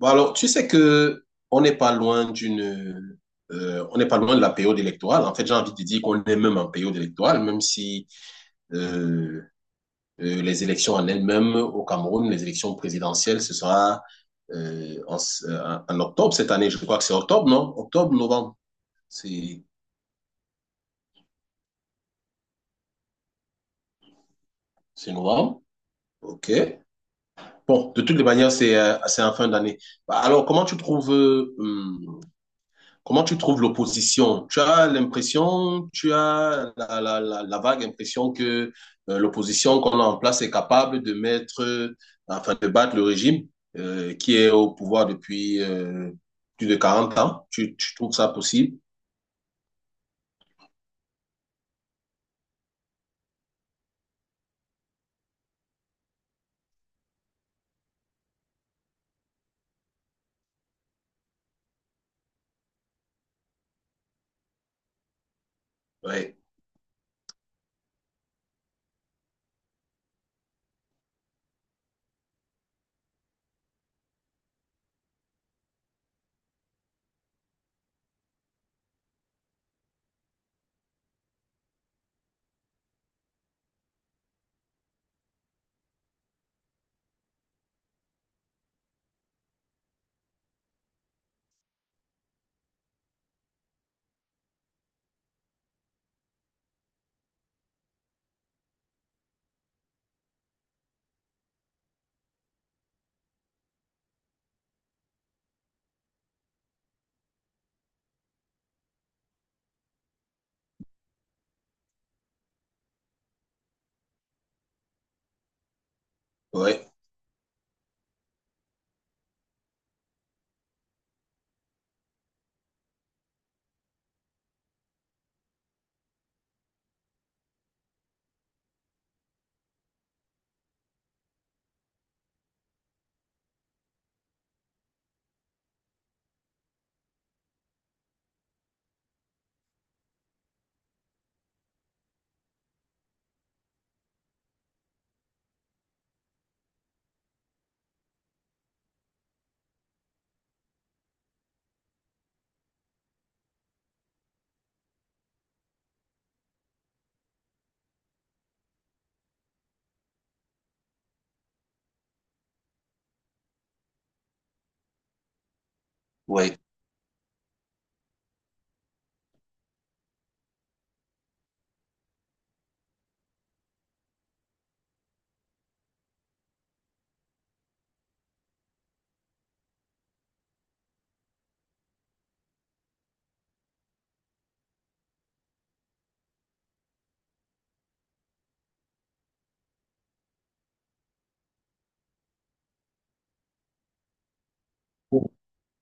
Bon, alors, tu sais que on n'est pas loin d'une, on n'est pas loin de la période électorale. En fait, j'ai envie de dire qu'on est même en période électorale, même si euh, les élections en elles-mêmes au Cameroun, les élections présidentielles, ce sera euh, en, en octobre cette année. Je crois que c'est octobre, non? Octobre, novembre. C'est, c'est novembre. OK. Bon, de toutes les manières, c'est en fin d'année. Bah, alors, Comment tu trouves l'opposition? Tu as l'impression, tu as la vague impression que l'opposition qu'on a en place est capable de enfin de battre le régime qui est au pouvoir depuis plus de quarante ans. Tu trouves ça possible? Oui, oui, oui.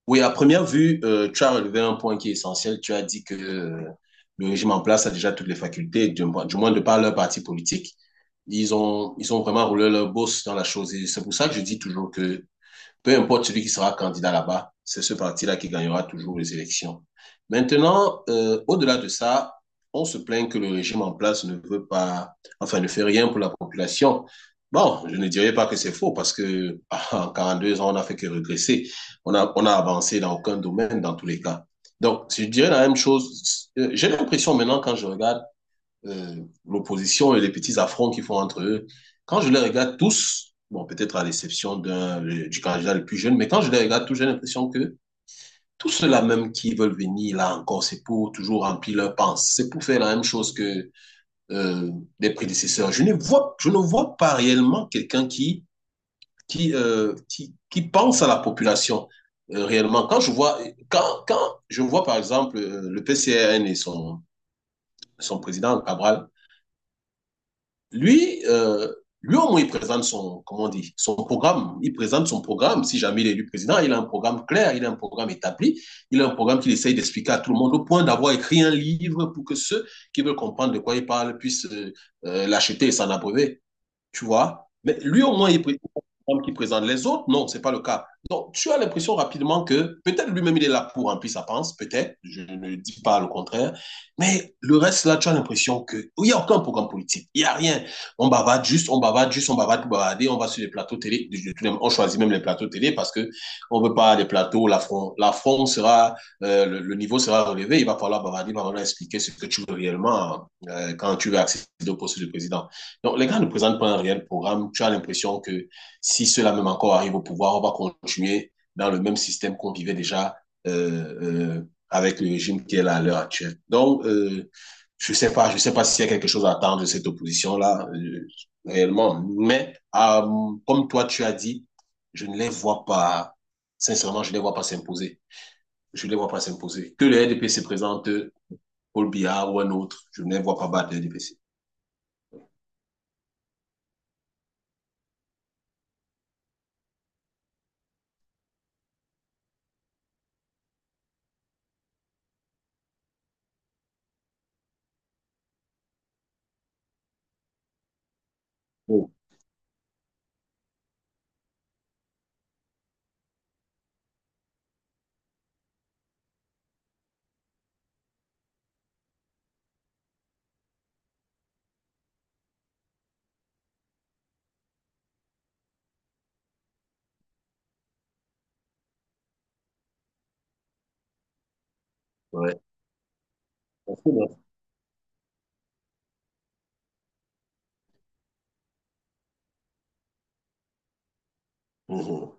Oui, à première vue, tu as relevé un point qui est essentiel. Tu as dit que le régime en place a déjà toutes les facultés, du moins de par leur parti politique. Ils ont vraiment roulé leur bosse dans la chose. Et c'est pour ça que je dis toujours que peu importe celui qui sera candidat là-bas, c'est ce parti-là qui gagnera toujours les élections. Maintenant, au-delà de ça, on se plaint que le régime en place ne veut pas, enfin, ne fait rien pour la population. Bon, je ne dirais pas que c'est faux parce que en 42 ans, on n'a fait que régresser. On a avancé dans aucun domaine dans tous les cas. Donc, je dirais la même chose. J'ai l'impression maintenant quand je regarde euh, l'opposition et les petits affronts qu'ils font entre eux. Quand je les regarde tous, bon, peut-être à l'exception d'un, du candidat le plus jeune, mais quand je les regarde tous, j'ai l'impression que tous ceux-là même qui veulent venir là encore, c'est pour toujours remplir leurs pensées, c'est pour faire la même chose que euh, les prédécesseurs. Je ne vois pas réellement quelqu'un qui pense à la population. Réellement, quand je vois, quand, quand je vois par exemple le PCRN et son président Cabral. Lui, euh, lui au moins, il présente son, comment on dit, son programme. Il présente son programme. Si jamais il est élu président, il a un programme clair, il a un programme établi, il a un programme qu'il essaye d'expliquer à tout le monde, au point d'avoir écrit un livre pour que ceux qui veulent comprendre de quoi il parle puissent l'acheter et s'en abreuver. Tu vois? Mais lui, au moins, qui présente les autres. Non, c'est pas le cas. Donc, tu as l'impression rapidement que peut-être lui-même, il est là pour remplir sa panse, peut-être, je ne dis pas le contraire. Mais le reste, là, tu as l'impression que il n'y a aucun programme politique. Il n'y a rien. On bavarde juste, on bavarde juste, on bavarde pour bavarder, on va sur les plateaux télé. On choisit même les plateaux télé parce que on veut pas les plateaux. L'affront sera, le niveau sera relevé. Il va falloir bavarder, il va falloir expliquer ce que tu veux réellement quand tu veux accéder au poste de président. Donc, les gars ne présentent pas un réel programme. Tu as l'impression que si cela même encore arrive au pouvoir, on va continuer dans le même système qu'on vivait déjà euh, euh, avec le régime qui est là à l'heure actuelle. Donc, je sais pas s'il y a quelque chose à attendre de cette opposition-là, réellement. Mais, comme toi, tu as dit, je ne les vois pas, sincèrement, je ne les vois pas s'imposer. Je ne les vois pas s'imposer. Que le RDP se présente Paul Billard ou un autre. Je ne les vois pas battre les DPC. Oh, ouais. Parce que, bon. Mhm.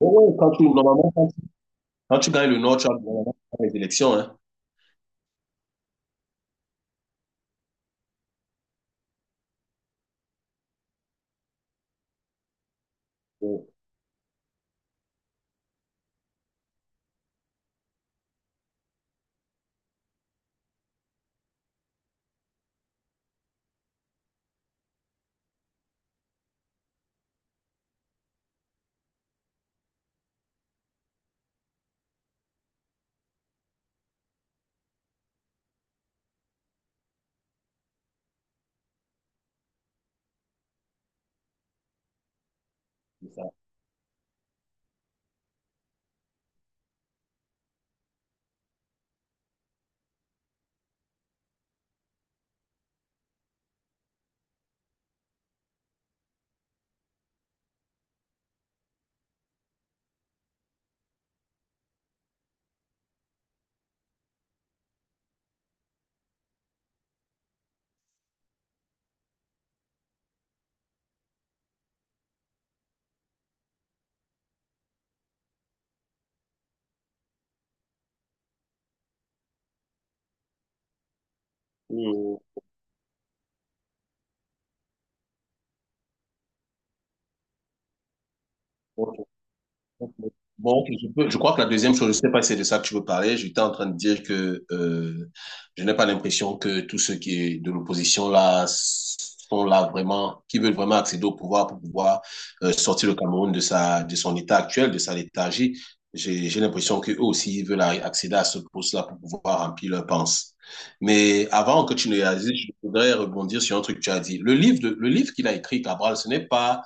Oh, ouais, quand tu gagnes le Nord, tu as les élections. Hein. Oh, c'est ça. Mhm. Bon, ok, je crois que la deuxième chose, je ne sais pas si c'est de ça que tu veux parler. J'étais en train de dire que je n'ai pas l'impression que tous ceux qui est de l'opposition là sont là vraiment, qui veulent vraiment accéder au pouvoir pour pouvoir sortir le Cameroun de sa, de son état actuel, de sa léthargie. J'ai l'impression qu'eux aussi ils veulent accéder à ce poste-là pour pouvoir remplir leur pense. Mais avant que tu ne réalises, je voudrais rebondir sur un truc que tu as dit. Le livre qu'il a écrit, Cabral, ce n'est pas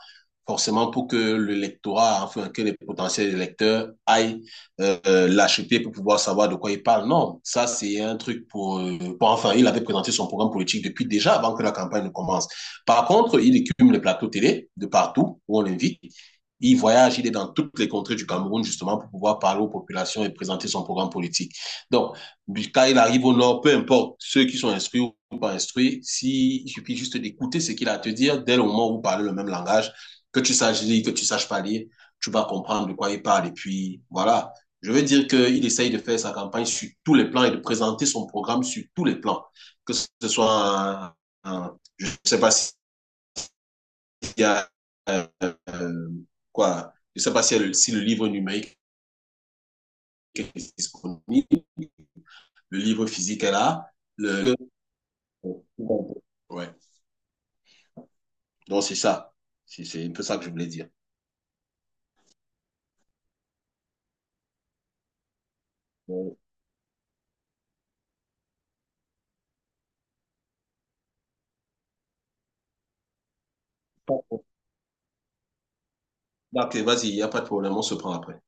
forcément pour que le lectorat, enfin que les potentiels lecteurs aillent l'acheter pour pouvoir savoir de quoi il parle. Non, ça c'est un truc pour, enfin, il avait présenté son programme politique depuis déjà avant que la campagne ne commence. Par contre, il écume les plateaux télé de partout où on l'invite. Il voyage, il est dans toutes les contrées du Cameroun justement pour pouvoir parler aux populations et présenter son programme politique. Donc, quand il arrive au Nord, peu importe ceux qui sont instruits ou pas instruits, si, il suffit juste d'écouter ce qu'il a à te dire dès le moment où vous parlez le même langage, que tu saches lire, que tu saches pas lire, tu vas comprendre de quoi il parle. Et puis, voilà. Je veux dire qu'il essaye de faire sa campagne sur tous les plans et de présenter son programme sur tous les plans. Que ce soit, un, je ne sais pas s'il y a, euh, quoi, je sais pas si, si le livre numérique est disponible, le livre physique est là. Le... Ouais. Donc, c'est ça. C'est un peu ça que je voulais dire. Ok, vas-y, il n'y a pas de problème, on se prend après.